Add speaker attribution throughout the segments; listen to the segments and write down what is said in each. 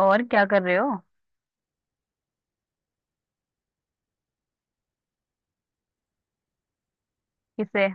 Speaker 1: और क्या कर रहे हो? किसे?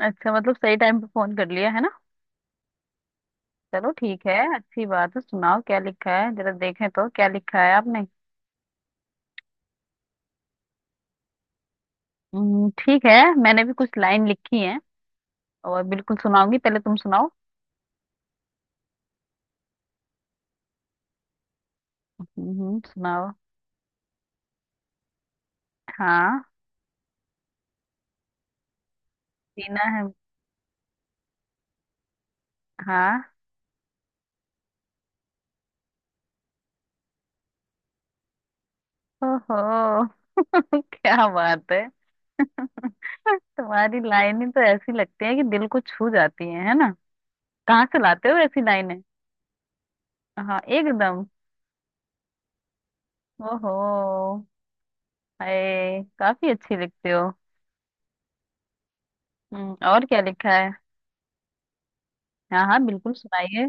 Speaker 1: अच्छा, मतलब सही टाइम पे फोन कर लिया है ना। चलो ठीक है, अच्छी बात है। सुनाओ क्या लिखा है, जरा देखें तो क्या लिखा है आपने। ठीक है। मैंने भी कुछ लाइन लिखी है। और बिल्कुल सुनाऊंगी, पहले तुम सुनाओ। हम्म, सुनाओ। हाँ। जीना है। हाँ। ओहो। क्या बात है! तुम्हारी लाइन ही तो ऐसी लगती है कि दिल को छू जाती है ना? कहाँ से लाते हो ऐसी लाइनें? हाँ, एकदम। ओहो। अरे, काफी अच्छी लिखते हो। हम्म, और क्या लिखा है? हाँ हाँ, बिल्कुल सुनाइए।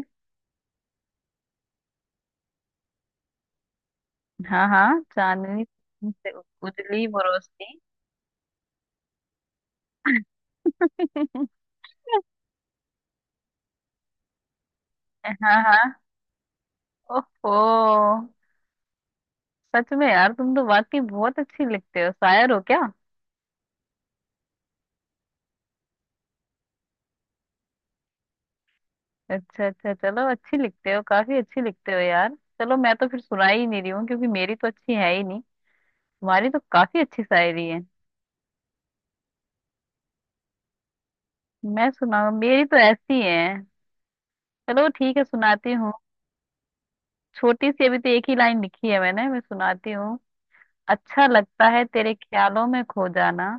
Speaker 1: हाँ हाँ, चांदनी से उजली वो रोशनी। हाँ हाँ। ओहो। सच में यार, तुम तो वाकई बहुत अच्छी लिखते हो। शायर हो क्या? अच्छा अच्छा, चलो अच्छी लिखते हो, काफी अच्छी लिखते हो यार। चलो मैं तो फिर सुना ही नहीं रही हूँ, क्योंकि मेरी तो अच्छी है ही नहीं। तुम्हारी तो काफी अच्छी शायरी है। मैं सुनाऊँ? मेरी तो ऐसी है। चलो ठीक है, सुनाती हूँ। छोटी सी, अभी तो एक ही लाइन लिखी है मैंने। मैं सुनाती हूँ। अच्छा लगता है तेरे ख्यालों में खो जाना।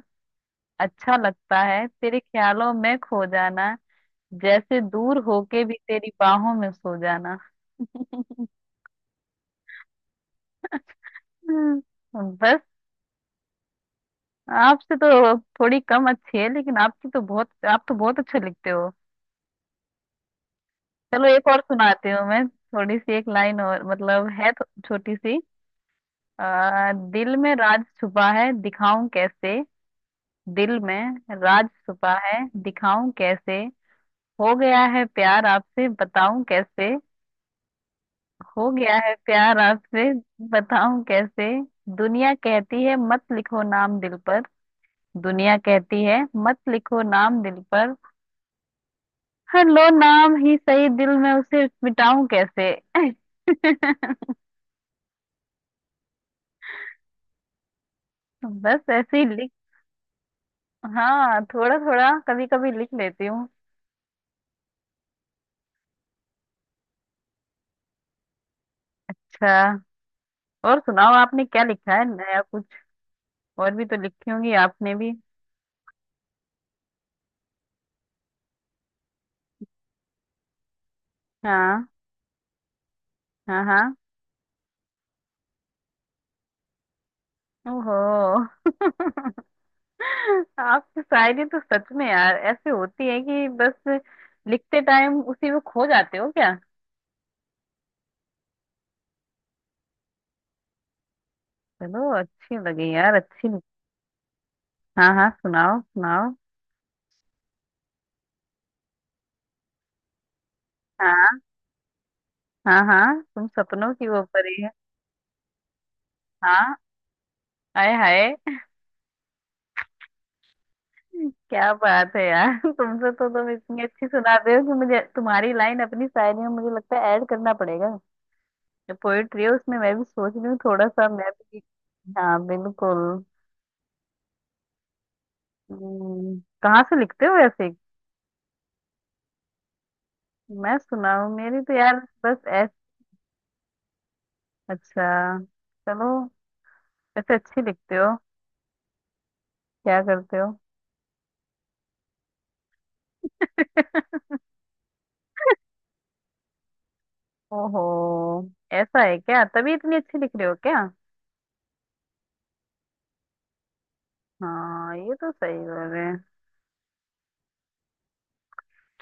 Speaker 1: अच्छा लगता है तेरे ख्यालों में खो जाना। जैसे दूर होके भी तेरी बाहों में सो जाना। बस। आपसे तो थोड़ी कम अच्छी है, लेकिन आपकी तो बहुत, आप तो बहुत अच्छे लिखते हो। चलो, एक और सुनाती हूँ मैं, थोड़ी सी एक लाइन और, मतलब है तो छोटी सी। दिल में राज छुपा है, दिखाऊं कैसे? दिल में राज छुपा है, दिखाऊं कैसे? हो गया है प्यार आपसे, बताऊं कैसे? हो गया है प्यार आपसे, बताऊं कैसे? दुनिया कहती है, मत लिखो नाम दिल पर। दुनिया कहती है, मत लिखो नाम दिल पर। हर लो नाम ही सही, दिल में उसे मिटाऊं कैसे? बस ऐसे ही लिख। हाँ, थोड़ा थोड़ा कभी कभी लिख लेती हूँ। अच्छा। और सुनाओ, आपने क्या लिखा है, नया कुछ? और भी तो लिखी होंगी आपने भी। हाँ हाँ हाँ। ओहो। आपकी शायरी तो सच में यार ऐसे होती है कि बस। लिखते टाइम उसी में खो जाते हो क्या? चलो, अच्छी लगी यार, अच्छी। हाँ हाँ, सुनाओ सुनाओ। हाँ हाँ हाँ, तुम सपनों की वो परी है। हाँ। हाय हाय। क्या बात है यार, तुम इतनी अच्छी सुनाते हो कि मुझे तुम्हारी लाइन अपनी शायरी में, मुझे लगता है, ऐड करना पड़ेगा। जो पोएट्री है उसमें मैं भी सोच रही हूँ, थोड़ा सा मैं भी। हाँ, बिल्कुल। कहाँ से लिखते हो ऐसे? मैं सुना हूँ, मेरी तो यार। बस ऐस अच्छा। चलो। ऐसे अच्छी लिखते हो। क्या करते हो? ओहो। ऐसा है क्या? तभी इतनी अच्छी लिख रहे हो क्या? हाँ, ये तो सही बोल रहे हैं।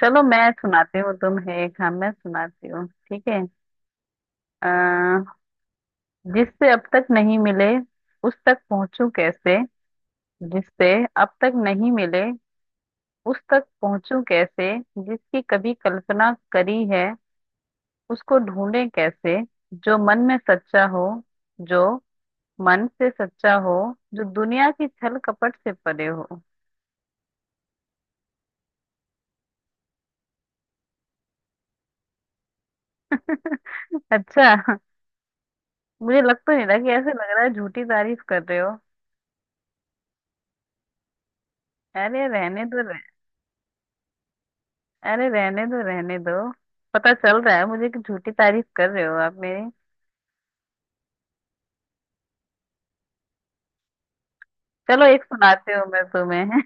Speaker 1: चलो मैं सुनाती हूँ तुम्हें एक, हाँ मैं सुनाती हूँ, ठीक है। अ, जिससे अब तक नहीं मिले, उस तक पहुंचूं कैसे? जिससे अब तक नहीं मिले, उस तक पहुंचूं कैसे? जिसकी कभी कल्पना करी है, उसको ढूंढे कैसे? जो मन में सच्चा हो, जो मन से सच्चा हो, जो दुनिया की छल कपट से परे हो। अच्छा। मुझे लग तो नहीं रहा कि, ऐसे लग रहा है झूठी तारीफ कर रहे हो। अरे रहने दो अरे रहने दो, रहने दो। पता चल रहा है मुझे कि झूठी तारीफ कर रहे हो आप मेरी। चलो एक सुनाते हो मैं तुम्हें।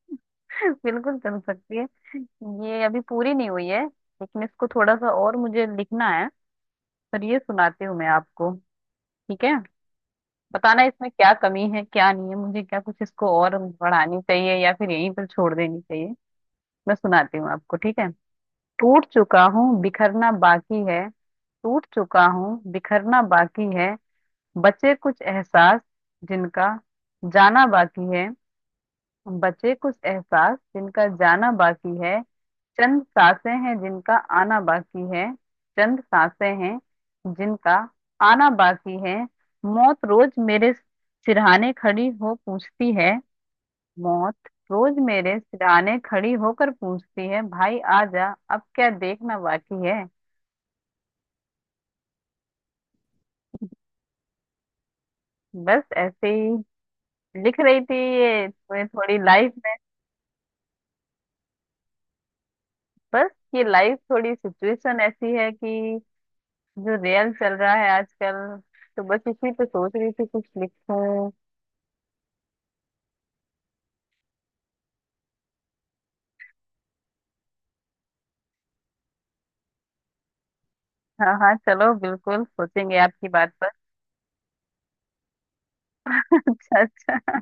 Speaker 1: बिल्कुल चल सकती है। ये अभी पूरी नहीं हुई है, लेकिन इसको थोड़ा सा और मुझे लिखना है। पर ये सुनाती हूँ मैं आपको, ठीक है? बताना इसमें क्या कमी है, क्या नहीं है, मुझे क्या, कुछ इसको और बढ़ानी चाहिए या फिर यहीं पर छोड़ देनी चाहिए। मैं सुनाती हूँ आपको, ठीक है? टूट चुका हूँ, बिखरना बाकी है। टूट चुका हूँ, बिखरना बाकी है। बचे कुछ एहसास जिनका जाना बाकी है। बचे कुछ एहसास जिनका जाना बाकी है। चंद सांसें हैं जिनका आना बाकी है। चंद सांसें हैं जिनका आना बाकी है। मौत रोज मेरे सिरहाने खड़ी हो पूछती है। मौत रोज मेरे सिरहाने खड़ी होकर पूछती है, भाई आ जा, अब क्या देखना बाकी है। बस ऐसे ही लिख रही थी। ये थोड़ी थोड़ी लाइफ में। बस ये लाइफ थोड़ी सिचुएशन ऐसी है कि जो रियल चल रहा है आजकल, तो बस इसी पे सोच रही थी कुछ लिखूं। हाँ हाँ, चलो बिल्कुल सोचेंगे आपकी बात पर। अच्छा अच्छा।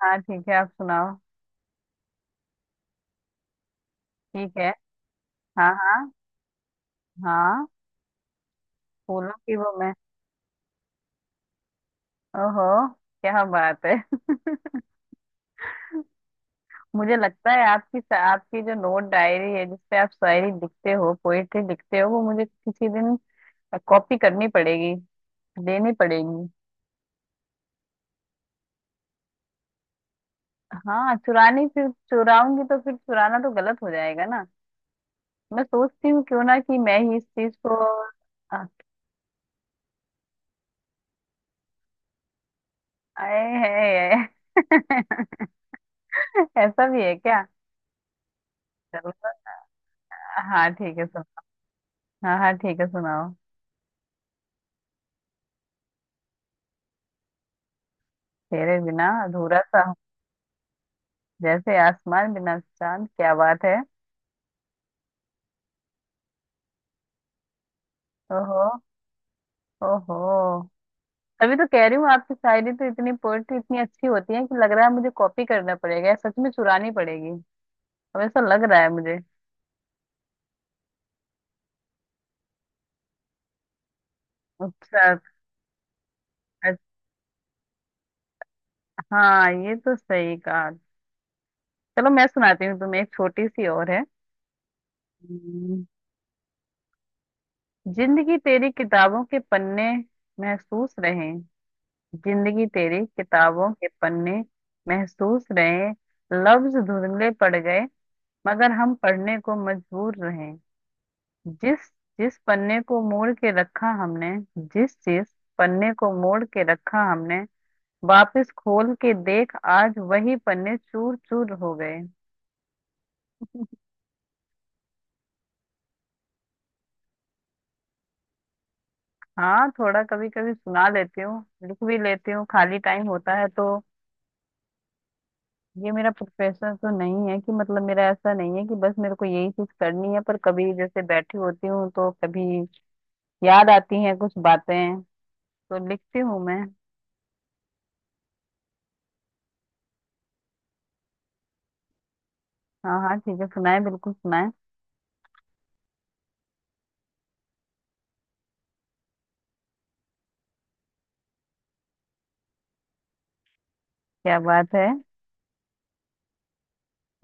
Speaker 1: हाँ ठीक है, आप सुनाओ। ठीक है। हाँ हाँ। हाँ। फूलों की वो, मैं। ओहो। क्या बात है! मुझे लगता है आपकी आपकी जो नोट डायरी है, जिसपे आप शायरी लिखते हो, पोएट्री लिखते हो, वो मुझे किसी दिन कॉपी करनी पड़ेगी, देनी पड़ेगी। हाँ चुरानी, फिर चुराऊंगी तो फिर चुराना तो गलत हो जाएगा ना। मैं सोचती हूँ क्यों ना कि मैं ही इस चीज को आए है। ऐसा भी है क्या? चलो। हाँ ठीक है, सुन। हाँ हाँ ठीक है, सुनाओ। तेरे बिना अधूरा सा हूँ, जैसे आसमान बिना चांद। क्या बात है। ओहो। ओहो। तभी तो कह रही हूँ, आपकी शायरी तो इतनी, पोएट्री इतनी अच्छी होती है कि लग रहा है मुझे कॉपी करना पड़ेगा या सच में चुरानी पड़ेगी। अब ऐसा लग रहा है मुझे। अच्छा अच्छा, हाँ ये तो सही कहा। चलो मैं सुनाती हूँ तुम्हें, एक छोटी सी और है। हम्म, जिंदगी तेरी किताबों के पन्ने, महसूस रहे। जिंदगी तेरी किताबों के पन्ने, महसूस रहे। लफ्ज धुंधले पड़ गए, मगर हम पढ़ने को मजबूर रहे। जिस जिस पन्ने को मोड़ के रखा हमने, जिस जिस पन्ने को मोड़ के रखा हमने, वापस खोल के देख आज वही पन्ने चूर चूर हो गए। हाँ, थोड़ा कभी कभी सुना लेती हूँ। लिख भी लेती हूँ, खाली टाइम होता है तो। ये मेरा प्रोफेशन तो नहीं है कि, मतलब मेरा ऐसा नहीं है कि बस मेरे को यही चीज करनी है, पर कभी जैसे बैठी होती हूँ तो कभी याद आती हैं कुछ बातें, तो लिखती हूँ मैं। हाँ हाँ ठीक है, सुनाए, बिल्कुल सुनाए। क्या बात है!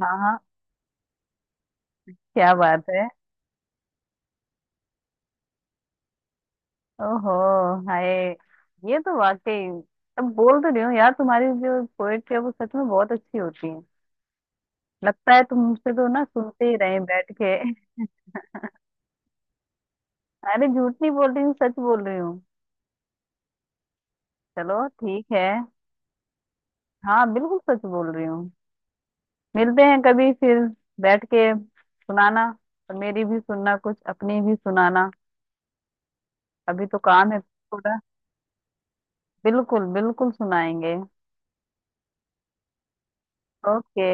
Speaker 1: हाँ हाँ। क्या बात है! ओहो। हाय। ये तो वाकई, अब बोल तो रही हूँ यार, तुम्हारी जो पोएट्री है वो सच में बहुत अच्छी होती है। लगता है तुम मुझसे तो ना, सुनते ही रहे बैठ के। अरे, झूठ नहीं बोल रही हूँ, सच बोल रही हूँ। चलो ठीक है। हाँ बिल्कुल सच बोल रही हूँ। मिलते हैं कभी फिर, बैठ के सुनाना, और मेरी भी सुनना कुछ, अपनी भी सुनाना। अभी तो काम है थोड़ा। बिल्कुल बिल्कुल सुनाएंगे। ओके।